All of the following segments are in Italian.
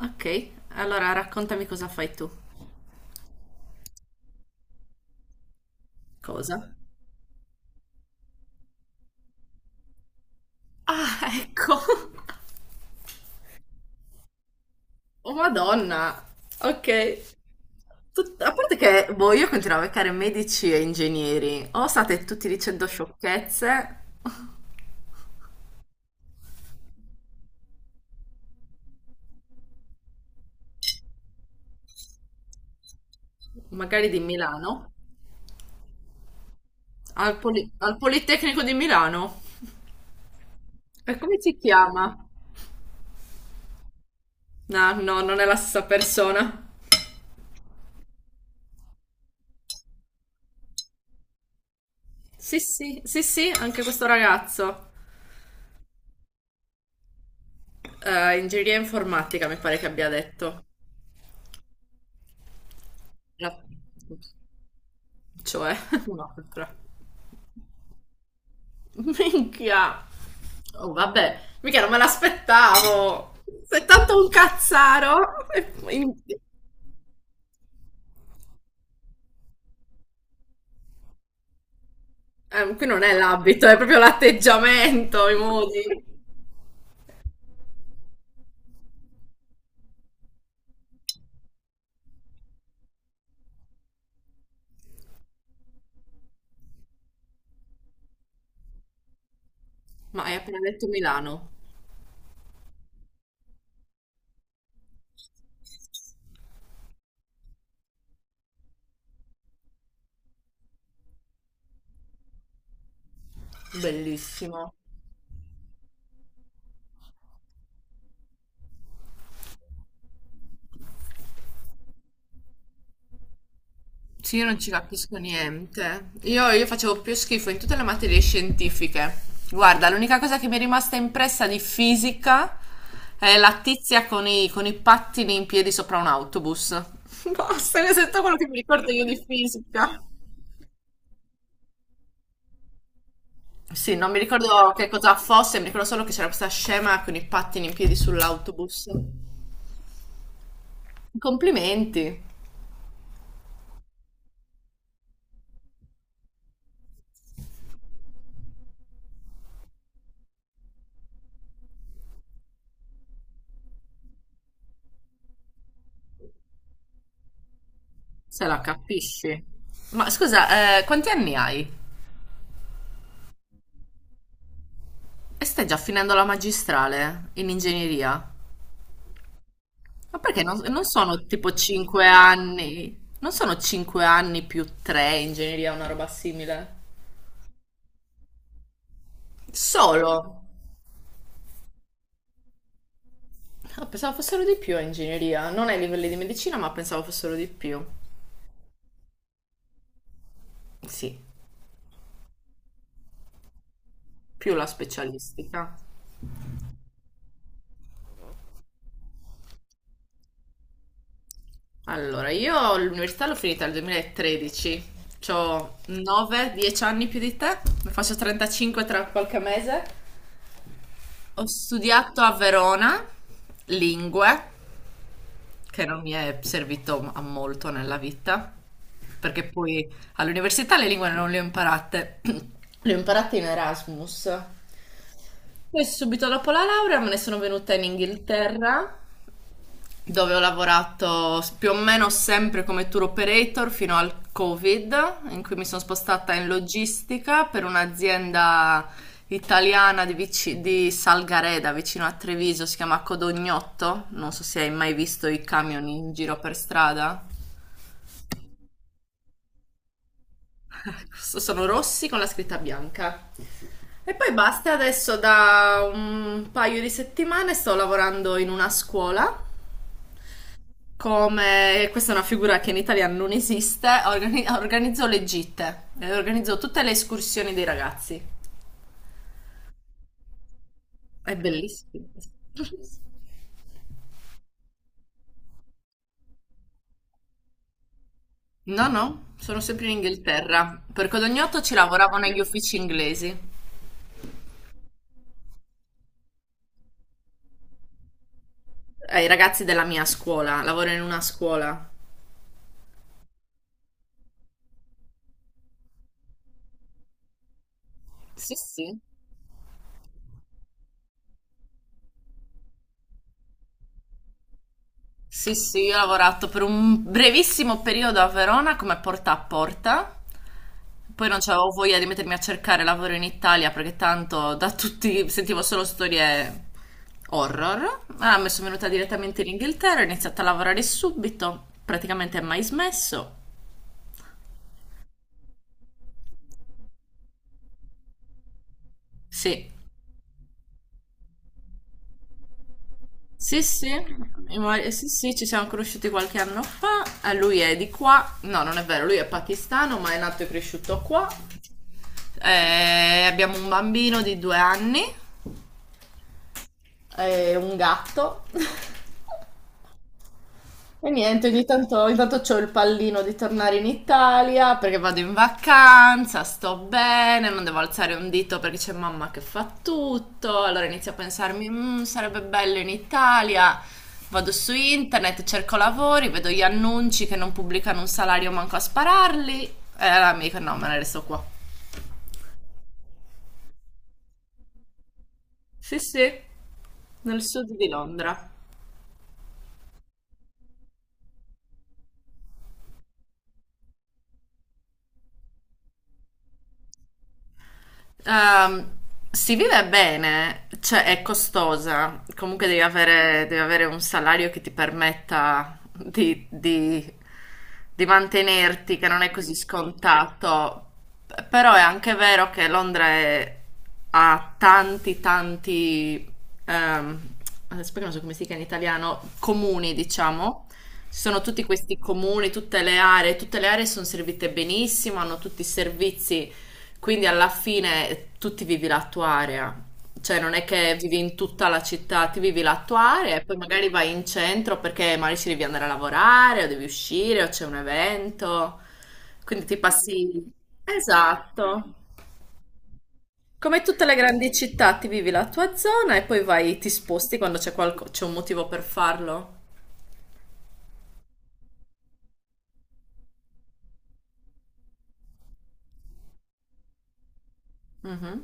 Ok, allora raccontami cosa fai tu. Cosa? Ah, ecco. Oh, Madonna. Ok. A parte che, boh, io continuo a beccare medici e ingegneri. O state tutti dicendo sciocchezze, magari di Milano, al Politecnico di Milano. E come si chiama? No, no, non è la stessa persona. Sì, sì, sì, sì, anche questo ragazzo. Ingegneria informatica, mi pare che abbia detto. La- Cioè, no, però. Minchia. Oh, vabbè. Mica non me l'aspettavo. Sei tanto un cazzaro. Eh, qui non è l'abito, è proprio l'atteggiamento, i modi. Ma hai appena detto Milano. Bellissimo. Sì, io non ci capisco niente. Io facevo più schifo in tutte le materie scientifiche. Guarda, l'unica cosa che mi è rimasta impressa di fisica è la tizia con i pattini in piedi sopra un autobus. Basta, questo è tutto quello che mi ricordo io di fisica. Sì, non mi ricordo che cosa fosse, mi ricordo solo che c'era questa scema con i pattini in piedi sull'autobus. Complimenti, se la capisci. Ma scusa, quanti anni hai? E stai già finendo la magistrale in ingegneria? Ma perché non sono tipo 5 anni? Non sono 5 anni più 3 ingegneria, una roba simile? Solo? Ah, pensavo fossero di più a ingegneria, non ai livelli di medicina, ma pensavo fossero di più. Sì, più la specialistica. Allora, io l'università l'ho finita nel 2013, ho 9-10 anni più di te, ne faccio 35 tra qualche mese. Ho studiato a Verona lingue, che non mi è servito a molto nella vita, perché poi all'università le lingue non le ho imparate. Le ho imparate in Erasmus. Poi subito dopo la laurea me ne sono venuta in Inghilterra, dove ho lavorato più o meno sempre come tour operator fino al Covid, in cui mi sono spostata in logistica per un'azienda italiana di Salgareda, vicino a Treviso, si chiama Codognotto. Non so se hai mai visto i camion in giro per strada. Sono rossi con la scritta bianca. E poi basta, adesso da un paio di settimane sto lavorando in una scuola come questa, è una figura che in Italia non esiste, organizzò le gitte, organizzò tutte le escursioni dei ragazzi. È bellissimo. No, no, sono sempre in Inghilterra. Per Codognoto ci lavoravo negli uffici inglesi. I ragazzi della mia scuola, lavoro in una scuola. Sì, sì. Sì, sì, io ho lavorato per un brevissimo periodo a Verona come porta a porta. Poi non avevo voglia di mettermi a cercare lavoro in Italia perché tanto da tutti sentivo solo storie horror. Allora mi sono venuta direttamente in Inghilterra, ho iniziato a lavorare subito, praticamente mai smesso. Sì, sì, sì, sì, sì, ci siamo conosciuti qualche anno fa. Lui è di qua, no, non è vero, lui è pakistano, ma è nato e cresciuto qua. Abbiamo un bambino di 2 anni e un gatto. E niente, ogni tanto c'ho il pallino di tornare in Italia. Perché vado in vacanza, sto bene, non devo alzare un dito perché c'è mamma che fa tutto. Allora inizio a pensarmi: "Mm, sarebbe bello in Italia." Vado su internet, cerco lavori, vedo gli annunci che non pubblicano un salario manco a spararli. E allora mi dico no, me ne resto qua. Sì, sì, nel sud di Londra. Ehm, si vive bene, cioè è costosa, comunque devi avere un salario che ti permetta di mantenerti, che non è così scontato, però è anche vero che Londra è- ha tanti, tanti, ehm, adesso poi non so come si chiama in italiano, comuni, diciamo. Ci sono tutti questi comuni, tutte le aree sono servite benissimo, hanno tutti i servizi, quindi alla fine tu ti vivi la tua area, cioè non è che vivi in tutta la città, ti vivi la tua area e poi magari vai in centro perché magari ci devi andare a lavorare o devi uscire o c'è un evento, quindi ti passi... Esatto. Come tutte le grandi città ti vivi la tua zona e poi vai, ti sposti quando c'è un motivo per farlo. Mhm.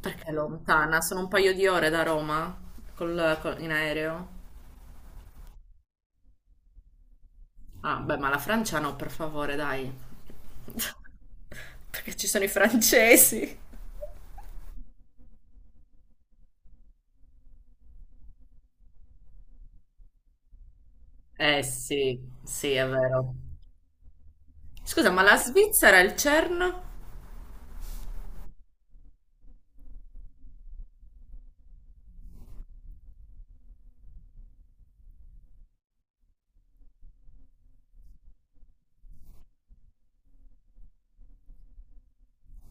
Perché è lontana? Sono un paio di ore da Roma in aereo. Ah, beh, ma la Francia no, per favore, dai. Perché ci sono i francesi. Eh sì, sì, è vero. Scusa, ma la Svizzera è il CERN?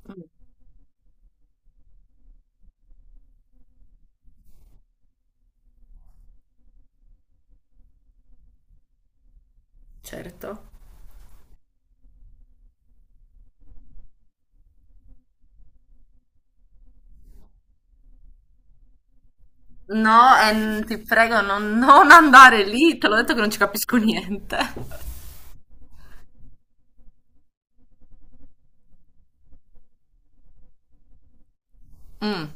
Mm. Certo. No, ti prego, non andare lì, te l'ho detto che non ci capisco niente. Mm,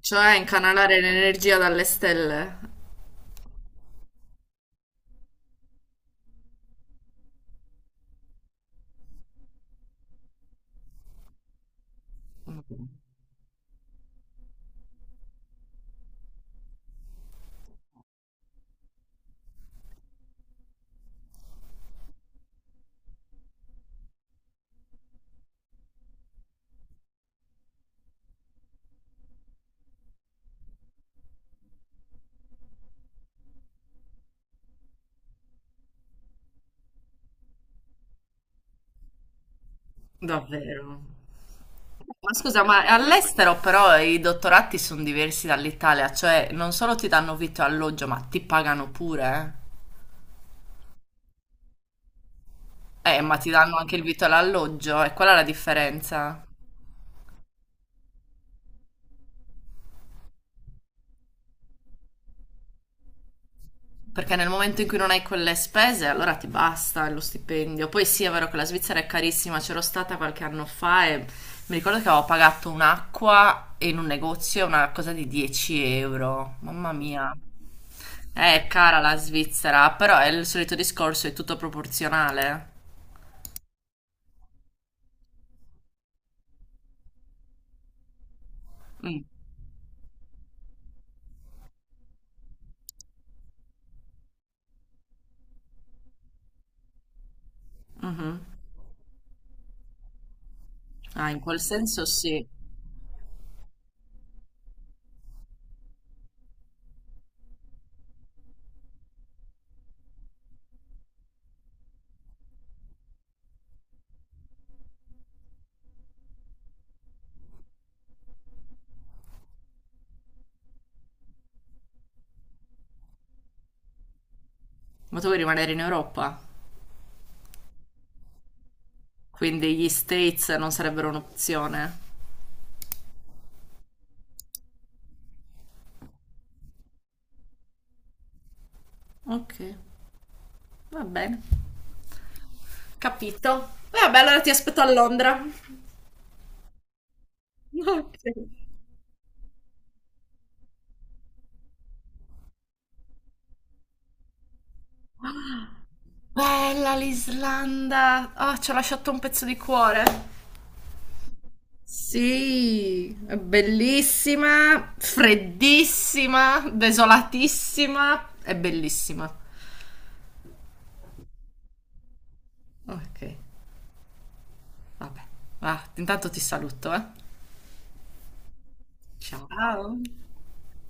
cioè incanalare l'energia dalle stelle? Davvero. Ma scusa, ma all'estero però i dottorati sono diversi dall'Italia, cioè non solo ti danno vitto e alloggio, ma ti pagano pure, eh? Ma ti danno anche il vitto e l'alloggio, e quella è la differenza. Perché nel momento in cui non hai quelle spese, allora ti basta lo stipendio. Poi sì, è vero che la Svizzera è carissima, c'ero stata qualche anno fa e mi ricordo che avevo pagato un'acqua in un negozio, una cosa di 10 euro. Mamma mia. È cara la Svizzera, però è il solito discorso, è tutto proporzionale. Mm, mhm. Ah, in quel senso sì. Ma tu vuoi rimanere in Europa? Quindi gli States non sarebbero un'opzione. Ok, va bene. Capito. E vabbè, allora ti aspetto a Londra. Ok. Bella l'Islanda. Ah, ci ho lasciato un pezzo di cuore. Sì, è bellissima. Freddissima, desolatissima. È bellissima. Ok. Vabbè. Ah, intanto ti saluto, eh. Ciao. Ciao.